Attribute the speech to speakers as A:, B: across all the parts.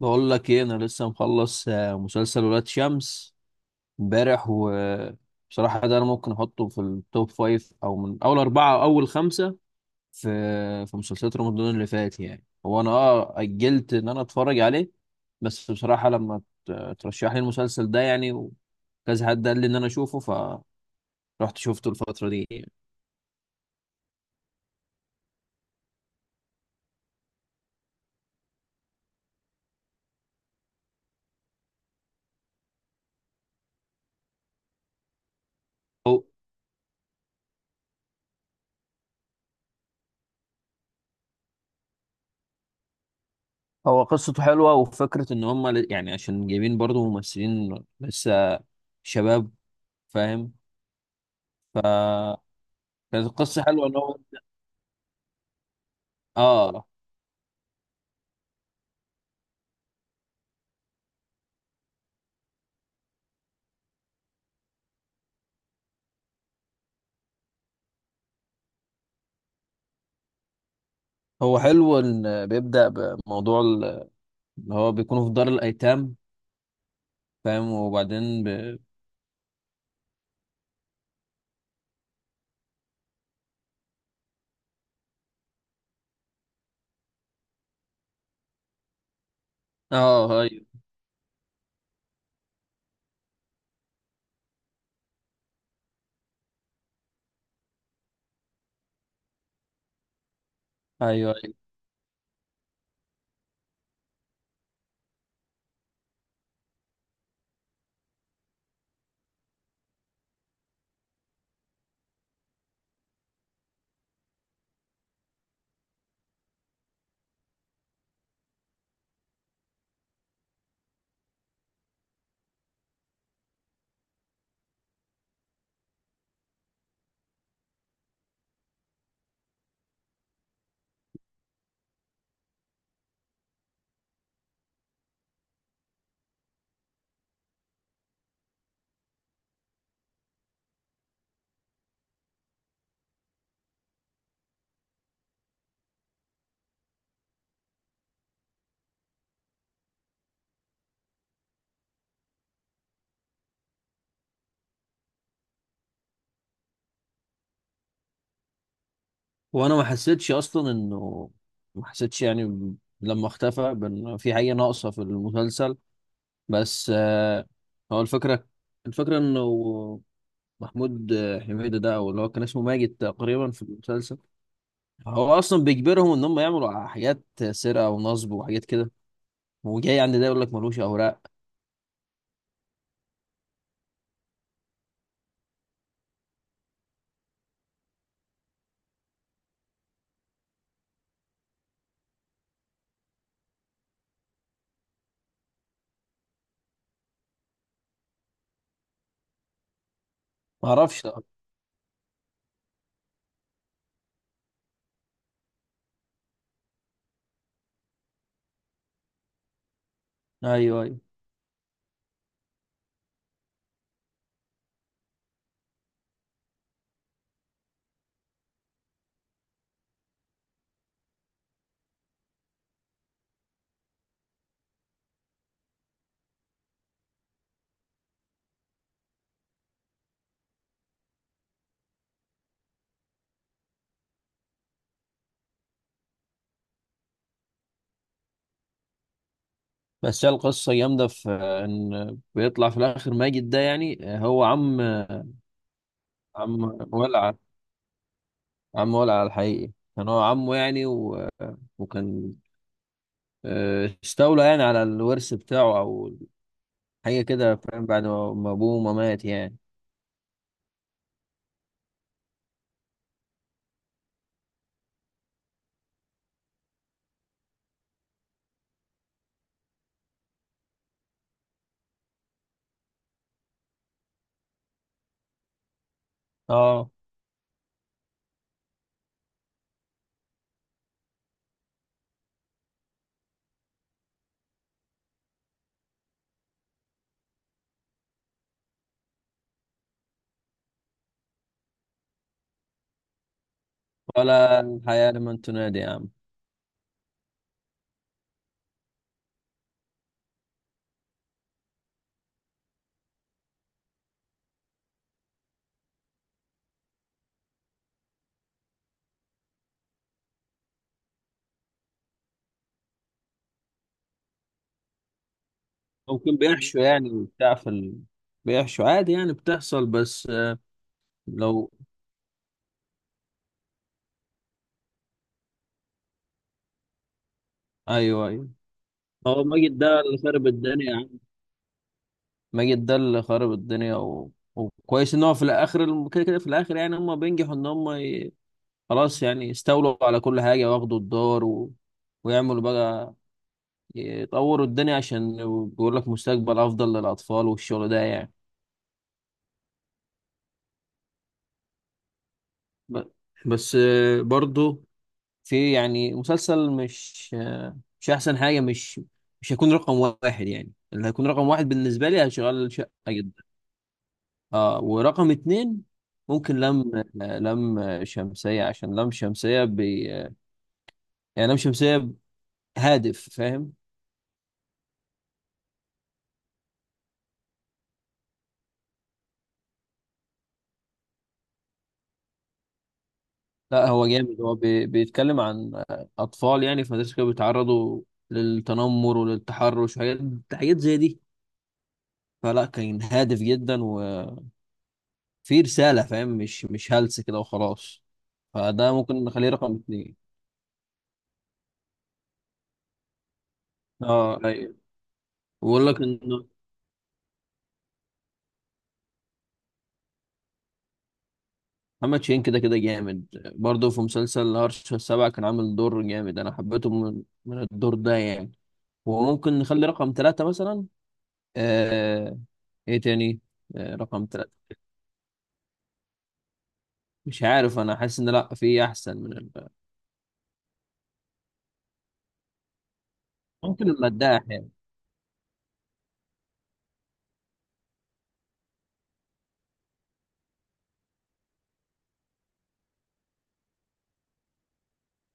A: بقول لك ايه؟ انا لسه مخلص مسلسل ولاد شمس امبارح، وبصراحة ده انا ممكن احطه في التوب فايف، او من اول اربعة او اول خمسة في في مسلسلات رمضان اللي فات، يعني هو انا اجلت ان انا اتفرج عليه. بس بصراحة لما ترشح لي المسلسل ده يعني، وكذا حد قال لي ان انا اشوفه، فرحت شفته الفترة دي يعني. هو هو قصته حلوة، وفكرة ان هم يعني عشان جايبين برضو ممثلين لسه شباب. فاهم؟ كانت القصة حلوة ان هو. اه هو حلو ان بيبدأ بموضوع اللي هو بيكونوا في دار الايتام. فاهم؟ وبعدين اه، ايوه، ايوه، ايوه. وانا ما حسيتش اصلا انه ما حسيتش يعني لما اختفى بان في حاجة ناقصة في المسلسل. بس هو الفكرة انه محمود حميدة ده، او اللي هو كان اسمه ماجد تقريبا في المسلسل، هو اصلا بيجبرهم ان هم يعملوا حاجات سرقة ونصب وحاجات كده، وجاي عند ده يقول لك ملوش اوراق. ما اعرفش، لا. ايوه، ايوه. بس هي القصه جامده في ان بيطلع في الاخر ماجد ده يعني هو عم. عم ولع. عم ولع الحقيقي كان هو عمه يعني، و... وكان استولى يعني على الورث بتاعه، او حاجه كده. فاهم؟ بعد ما ابوه ما مات يعني. اه، ولا الحياه لمن تنادي يا عم. ممكن بيحشوا يعني بتاع في بيحشوا عادي يعني، بتحصل. بس لو. ايوه، ايوه. هو ماجد ده اللي خرب الدنيا. ماجد ده اللي خرب الدنيا، و... وكويس ان هو في الاخر كده كده في الاخر يعني هم بينجحوا ان هم خلاص يعني يستولوا على كل حاجه واخدوا الدار، و... ويعملوا بقى يطوروا الدنيا، عشان بيقول لك مستقبل افضل للاطفال والشغل ده يعني. ب... بس برضو في يعني مسلسل، مش مش احسن حاجه. مش هيكون رقم واحد يعني. اللي هيكون رقم واحد بالنسبه لي هشغل شقه جدا. اه، ورقم اتنين ممكن لم شمسية، عشان لم شمسية بي يعني. لم شمسية هادف. فاهم؟ لا، هو جامد. هو بيتكلم عن أطفال يعني في مدرسة كده، بيتعرضوا للتنمر وللتحرش وحاجات زي دي. فلا، كان هادف جدا، وفي رسالة. فاهم؟ مش هلس كده وخلاص. فده ممكن نخليه رقم اتنين. اه، ايوه. بقول لك ان محمد شاهين كده كده جامد. برضه في مسلسل هرش السبعة كان عامل دور جامد، أنا حبيته من الدور ده يعني. وممكن نخلي رقم ثلاثة مثلا. آه... إيه تاني؟ آه، رقم ثلاثة. مش عارف، أنا حاسس إن لأ، في أحسن من ممكن المداح يعني.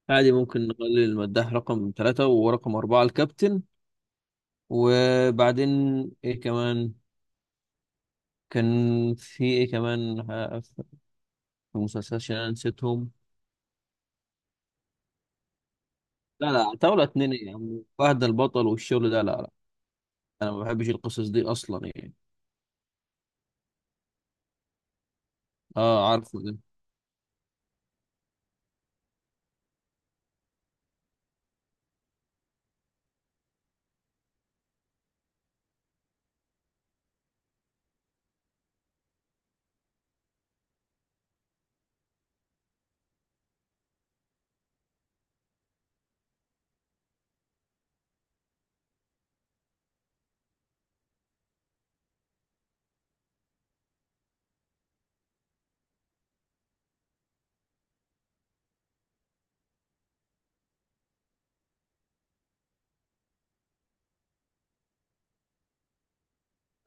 A: عادي، ممكن نخلي المداح رقم ثلاثة ورقم أربعة الكابتن. وبعدين إيه كمان؟ كان في إيه كمان؟ في المسلسلات عشان أنا نسيتهم. لا لا، طاولة اتنين إيه يا عم؟ فهد البطل والشغل ده، لا. انا ما بحبش القصص دي اصلا يعني. اه، عارفه ده.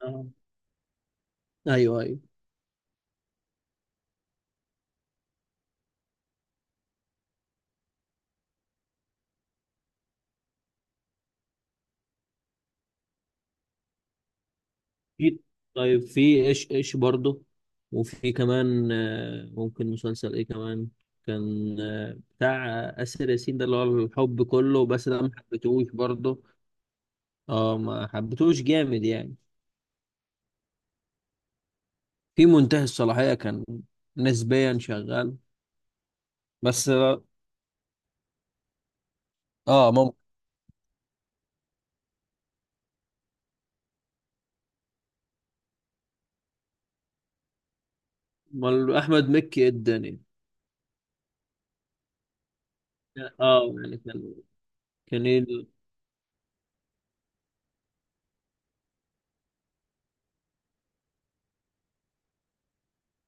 A: آه. ايوه، ايوه. في، طيب، في ايش برضه، وفي كمان ممكن مسلسل ايه كمان؟ كان بتاع آسر ياسين ده، اللي هو الحب كله، بس ده ما حبيتهوش برضه. اه، ما حبيتهوش جامد يعني. في منتهي الصلاحية كان نسبيا شغال. بس ممكن. امال احمد مكي إيه الدنيا؟ اه يعني كان إيه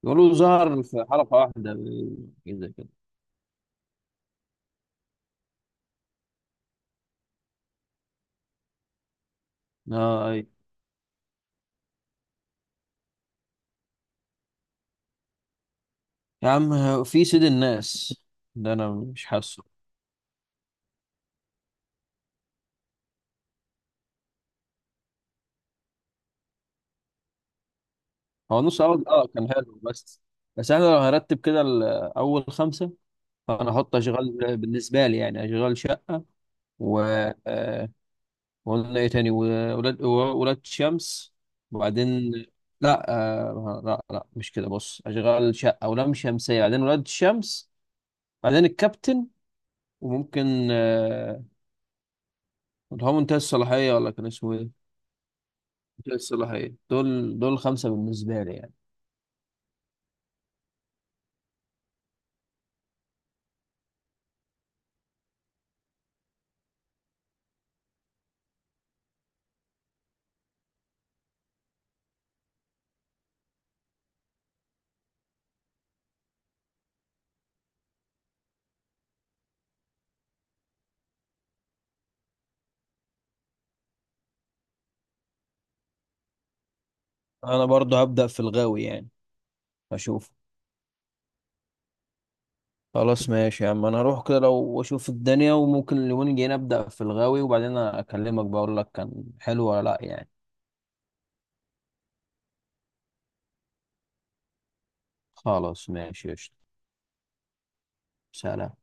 A: يقولوا ظهر في حلقة واحدة إيه، كده. اه، اي. يا عم، هو في سيد الناس ده انا مش حاسه. هو نص عرض كان حلو. بس احنا لو هرتب كده اول خمسه، فانا احط اشغال بالنسبه لي يعني، اشغال شقه. و آه، وقلنا ايه تاني؟ وولاد ولاد شمس. وبعدين لا، لا لا، مش كده، بص: اشغال شقه ولام شمسيه، بعدين ولاد الشمس، بعدين الكابتن، وممكن اللي هو منتهي الصلاحيه، ولا كان اسمه ايه؟ الصلاحية. دول خمسة بالنسبة لي يعني. أنا برضه هبدأ في الغاوي يعني أشوف. خلاص، ماشي يا عم، أنا هروح كده لو أشوف الدنيا، وممكن اليومين الجايين أبدأ في الغاوي، وبعدين أكلمك بقول لك كان حلو ولا لأ يعني. خلاص، ماشي، قشطة. سلام.